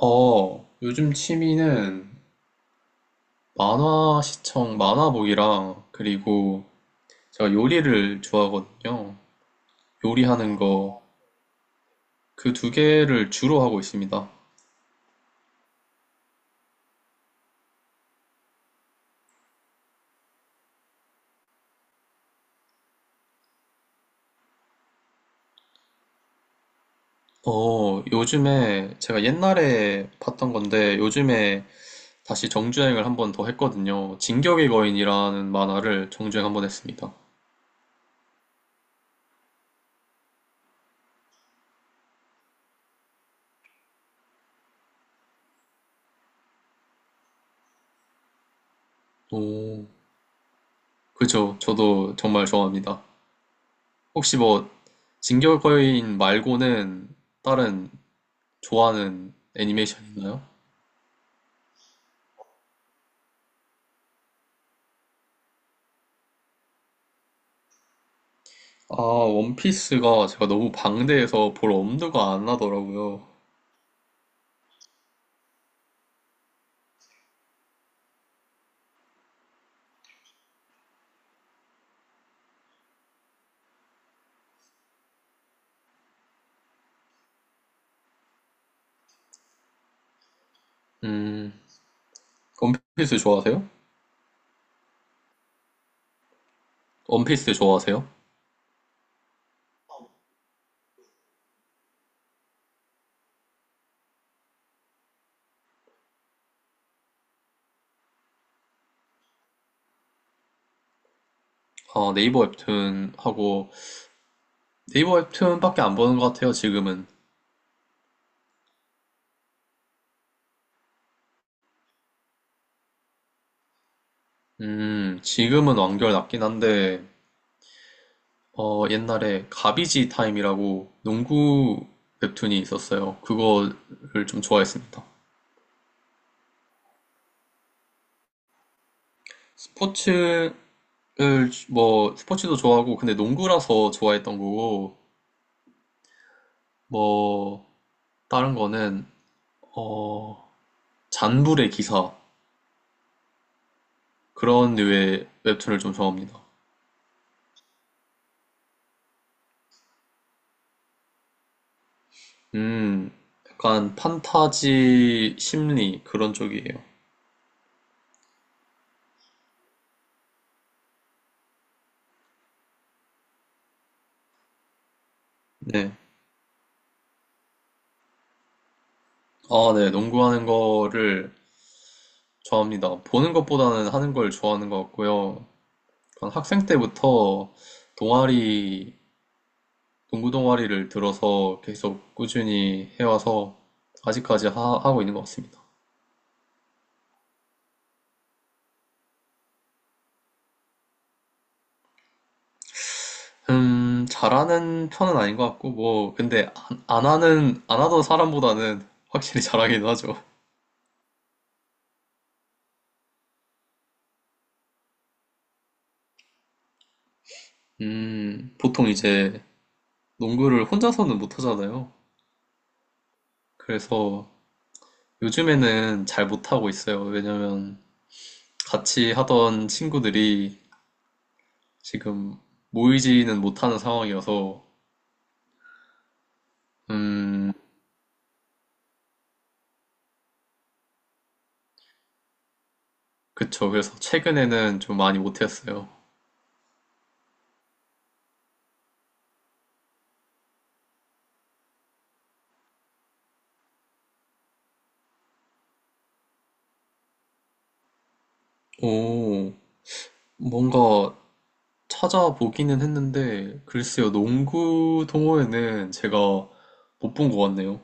요즘 취미는 만화 시청, 만화 보기랑, 그리고 제가 요리를 좋아하거든요. 요리하는 거, 그 두 개를 주로 하고 있습니다. 요즘에 제가 옛날에 봤던 건데 요즘에 다시 정주행을 한번 더 했거든요. 진격의 거인이라는 만화를 정주행 한번 했습니다. 오, 그죠. 저도 정말 좋아합니다. 혹시 뭐 진격의 거인 말고는 다른 좋아하는 애니메이션 있나요? 아, 원피스가 제가 너무 방대해서 볼 엄두가 안 나더라고요. 음, 원피스 좋아하세요? 원피스 좋아하세요? 아, 네이버 웹툰 하고, 네이버 웹툰밖에 안 보는 것 같아요, 지금은. 지금은 완결 났긴 한데, 옛날에 가비지 타임이라고 농구 웹툰이 있었어요. 그거를 좀 좋아했습니다. 스포츠를, 뭐, 스포츠도 좋아하고, 근데 농구라서 좋아했던 거고, 뭐, 다른 거는, 어, 잔불의 기사 그런 류의 웹툰을 좀 좋아합니다. 음, 약간 판타지 심리 그런 쪽이에요. 네. 아, 네. 농구하는 거를 좋아합니다. 보는 것보다는 하는 걸 좋아하는 것 같고요. 약간 학생 때부터 동아리, 농구 동아리를 들어서 계속 꾸준히 해와서 아직까지 하고 있는 것 같습니다. 잘하는 편은 아닌 것 같고, 뭐, 근데 안 하던 사람보다는 확실히 잘하긴 하죠. 보통 이제 농구를 혼자서는 못 하잖아요. 그래서 요즘에는 잘 못하고 있어요. 왜냐면 같이 하던 친구들이 지금 모이지는 못하는 상황이어서, 음, 그쵸. 그래서 최근에는 좀 많이 못했어요. 오, 뭔가 찾아보기는 했는데, 글쎄요, 농구 동호회는 제가 못 본 것 같네요.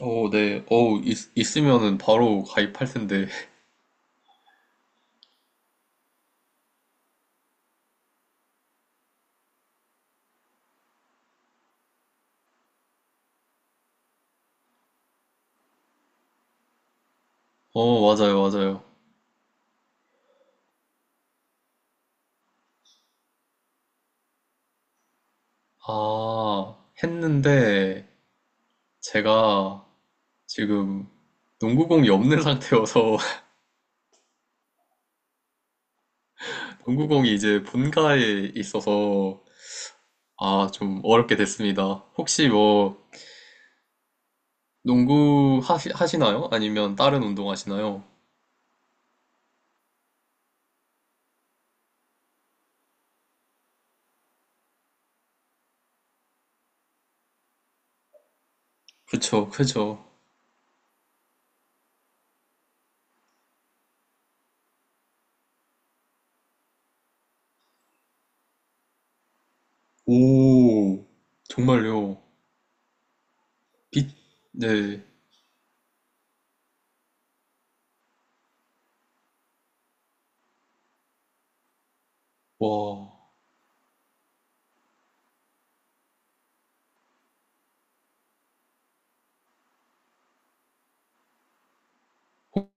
어, 네. 어, 있으면은 바로 가입할 텐데. 어, 맞아요, 맞아요. 아, 했는데, 제가 지금 농구공이 없는 상태여서, 농구공이 이제 본가에 있어서, 아, 좀 어렵게 됐습니다. 혹시 뭐, 농구 하시나요? 아니면 다른 운동 하시나요? 그쵸, 그쵸. 오, 정말요. 빛, 네. 와,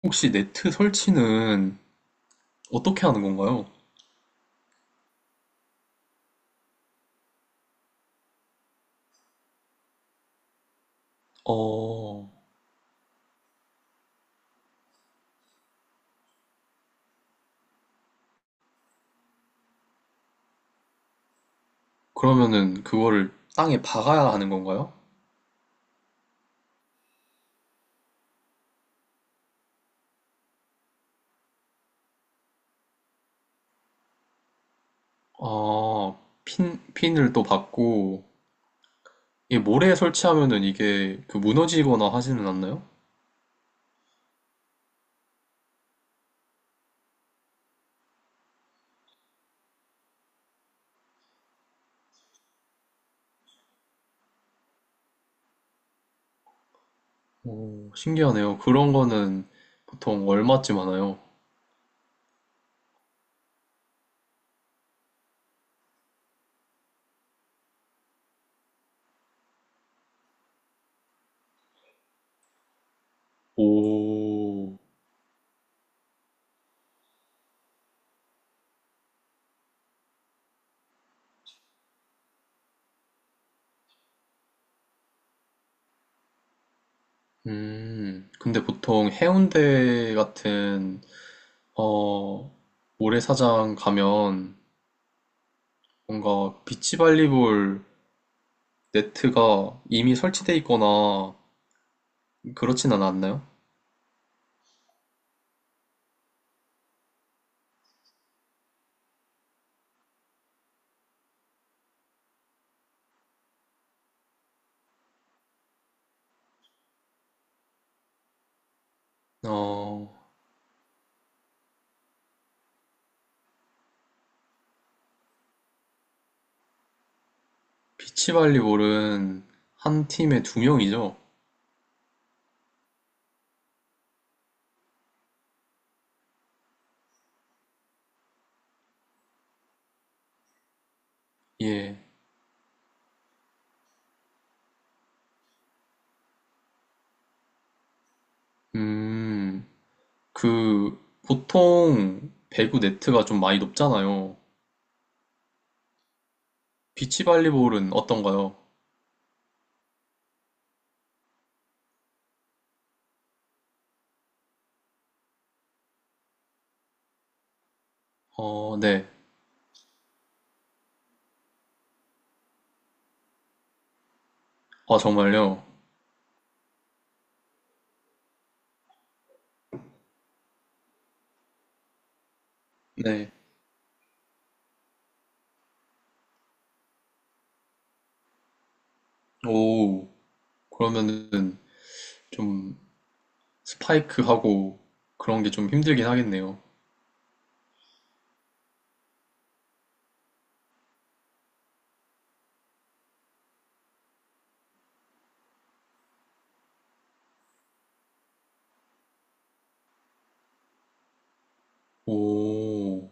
혹시 네트 설치는 어떻게 하는 건가요? 어, 그러면은 그거를 땅에 박아야 하는 건가요? 아, 핀을 또 박고, 이게 모래에 설치하면은 이게 그 무너지거나 하지는 않나요? 오, 신기하네요. 그런 거는 보통 얼마쯤 하나요? 오, 근데 보통 해운대 같은 어, 모래사장 가면 뭔가 비치발리볼 네트가 이미 설치돼 있거나 그렇지는 않나요? 어, 비치발리볼은 한 팀에 두 명이죠? 예. 음, 그, 보통 배구 네트가 좀 많이 높잖아요. 비치발리볼은 어떤가요? 어, 네. 아, 정말요? 네. 오, 그러면은 좀 스파이크하고 그런 게 좀 힘들긴 하겠네요. 오,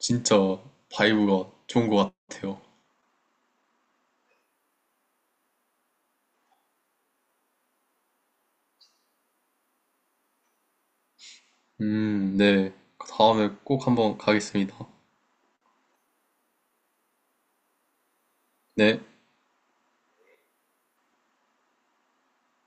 진짜 바이브가 좋은 것 같아요. 네. 다음에 꼭 한번 가겠습니다. 네.